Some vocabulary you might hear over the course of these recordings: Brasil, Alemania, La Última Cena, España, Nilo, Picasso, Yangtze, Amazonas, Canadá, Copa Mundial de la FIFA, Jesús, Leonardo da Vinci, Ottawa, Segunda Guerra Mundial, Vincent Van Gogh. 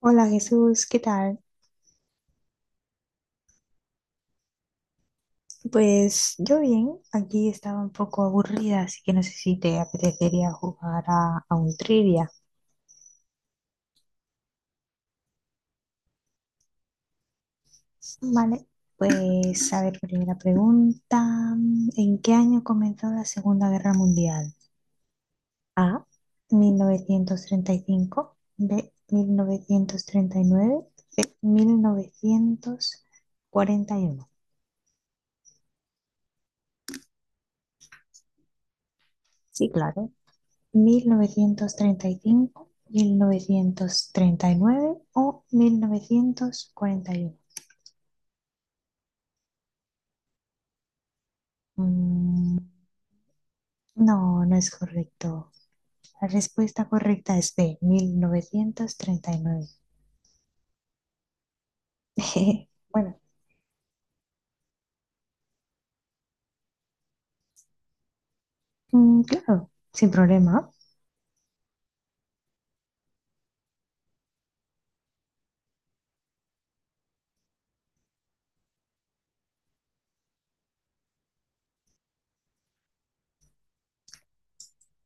Hola Jesús, ¿qué tal? Pues yo bien, aquí estaba un poco aburrida, así que no sé si te apetecería jugar a un trivia. Vale, pues a ver, primera pregunta. ¿En qué año comenzó la Segunda Guerra Mundial? A, 1935, B, mil novecientos treinta y nueve, mil novecientos cuarenta y uno. Sí, claro, 1935, 1939 o 1941. Mm, no es correcto. La respuesta correcta es B, 1939. Bueno, claro, sin problema.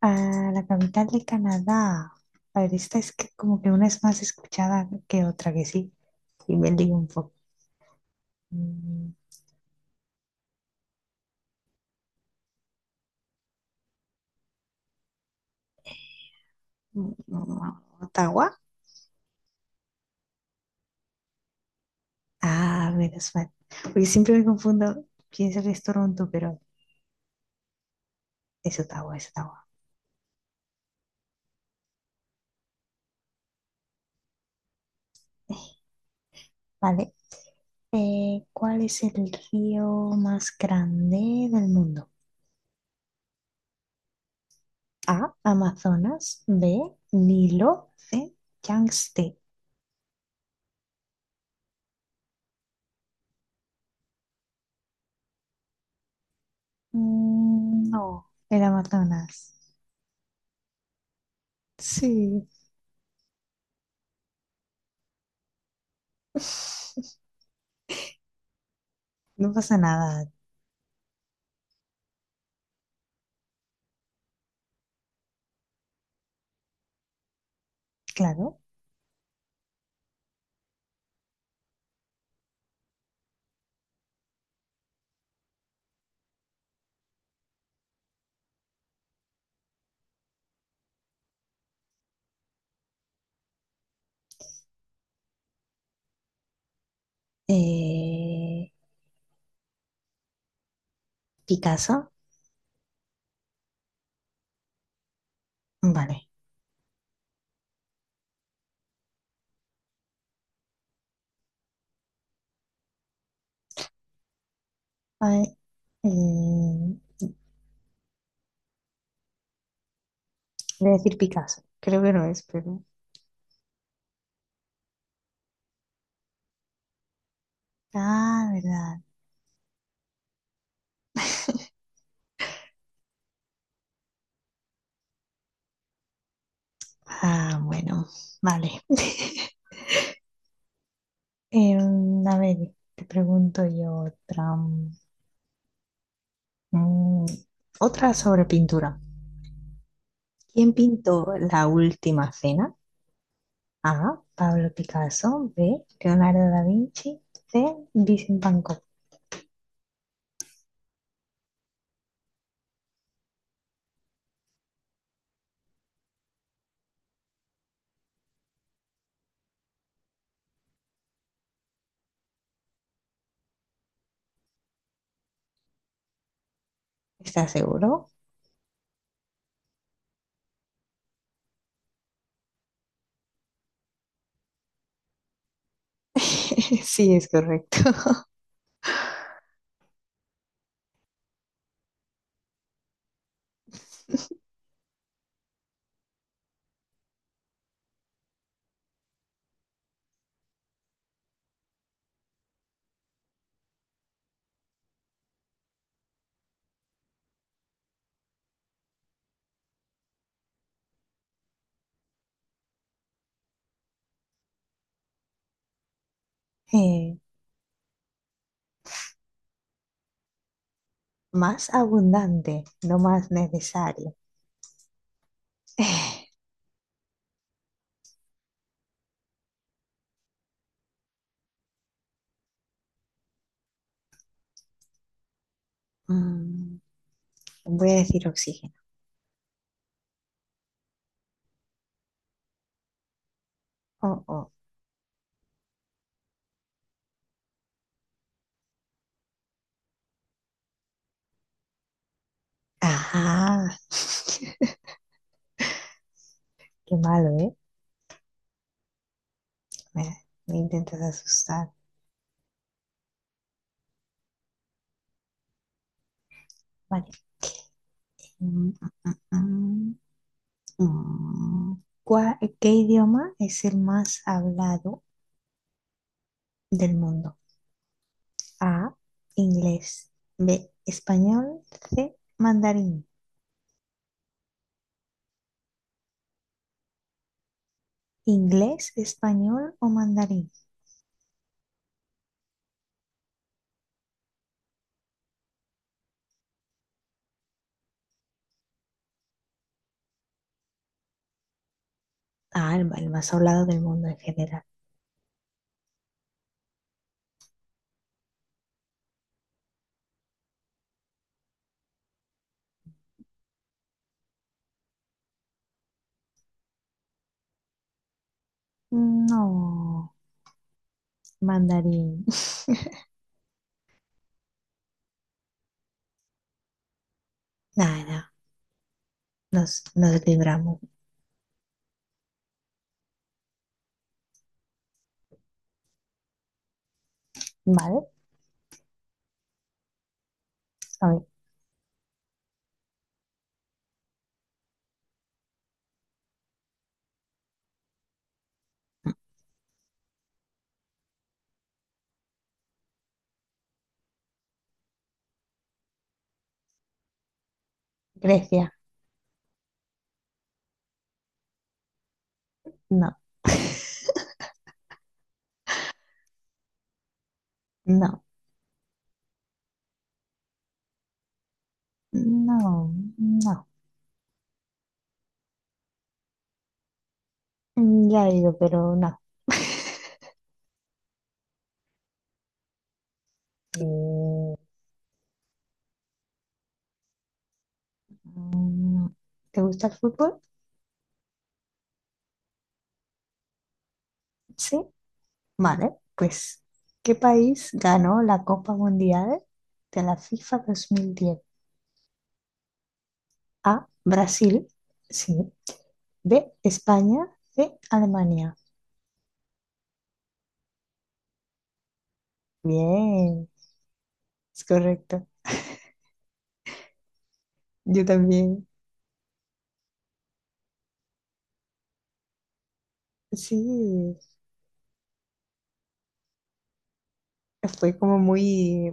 Ah, la capital de Canadá. A ver, esta es que como que una es más escuchada que otra, que sí. Y me lío un poco. Mm, Ottawa. Ah, menos mal. Porque siempre me confundo, pienso que es Toronto, pero es Ottawa, es Ottawa. Vale. ¿Cuál es el río más grande del mundo? A, Amazonas, B, Nilo, C, Yangtze. No, el Amazonas. Sí. No pasa nada, claro. Eh, Picasso, vale. A ver, eh, voy a decir Picasso, creo que no es, pero ah, verdad. Ah, bueno, vale. A ver, te pregunto yo otra. mm, Otra sobre pintura. ¿Quién pintó La Última Cena? A. Pablo Picasso. B. Leonardo da Vinci. C. Vincent Van Gogh. ¿Estás seguro? Sí, es correcto. Eh, más abundante, no más necesario. Mm, voy a decir oxígeno. Oh, oh. Ajá. Qué malo, ¿eh? Me, me intentas asustar. Vale. Mm, mm, mm, mm. ¿Qué idioma es el más hablado del mundo? A, inglés. B, español. C, mandarín. ¿Inglés, español o mandarín? Ah, el más hablado del mundo en general. No, mandarín. Nada, nos libramos. ¿Vale? A ver, Grecia. No. No, no, no. Ya he ido, pero no. Eh, no. ¿Te gusta el fútbol? Sí. Vale, pues, ¿qué país ganó la Copa Mundial de la FIFA 2010? A, Brasil, sí. B, España, C, Alemania. Bien, es correcto. Yo también. Sí, fue como muy,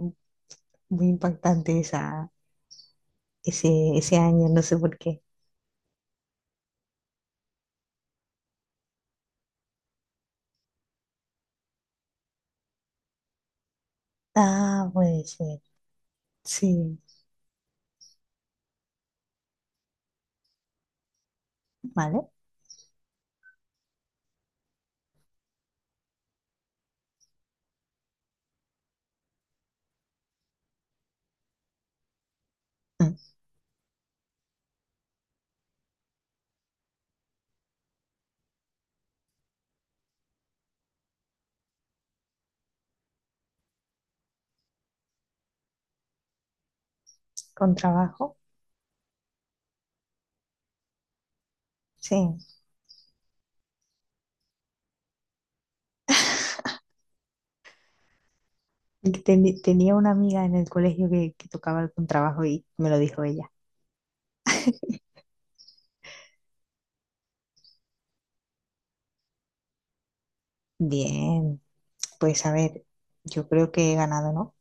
muy impactante esa, ese, ese año, no sé por qué. Ah, pues sí. Sí, vale. Mm. Con trabajo, sí. Tenía una amiga en el colegio que tocaba el contrabajo y me lo dijo ella. Bien, pues a ver, yo creo que he ganado, ¿no?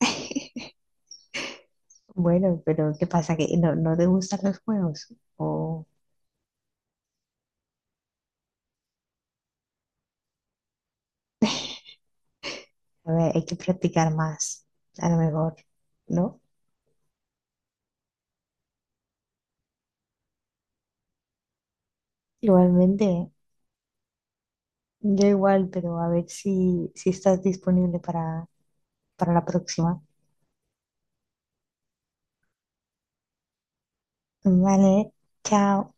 Bueno, pero ¿qué pasa? ¿Que no te gustan los juegos? O a ver, hay que practicar más, a lo mejor, ¿no? Igualmente, yo igual, pero a ver si estás disponible para la próxima. Vale, chao.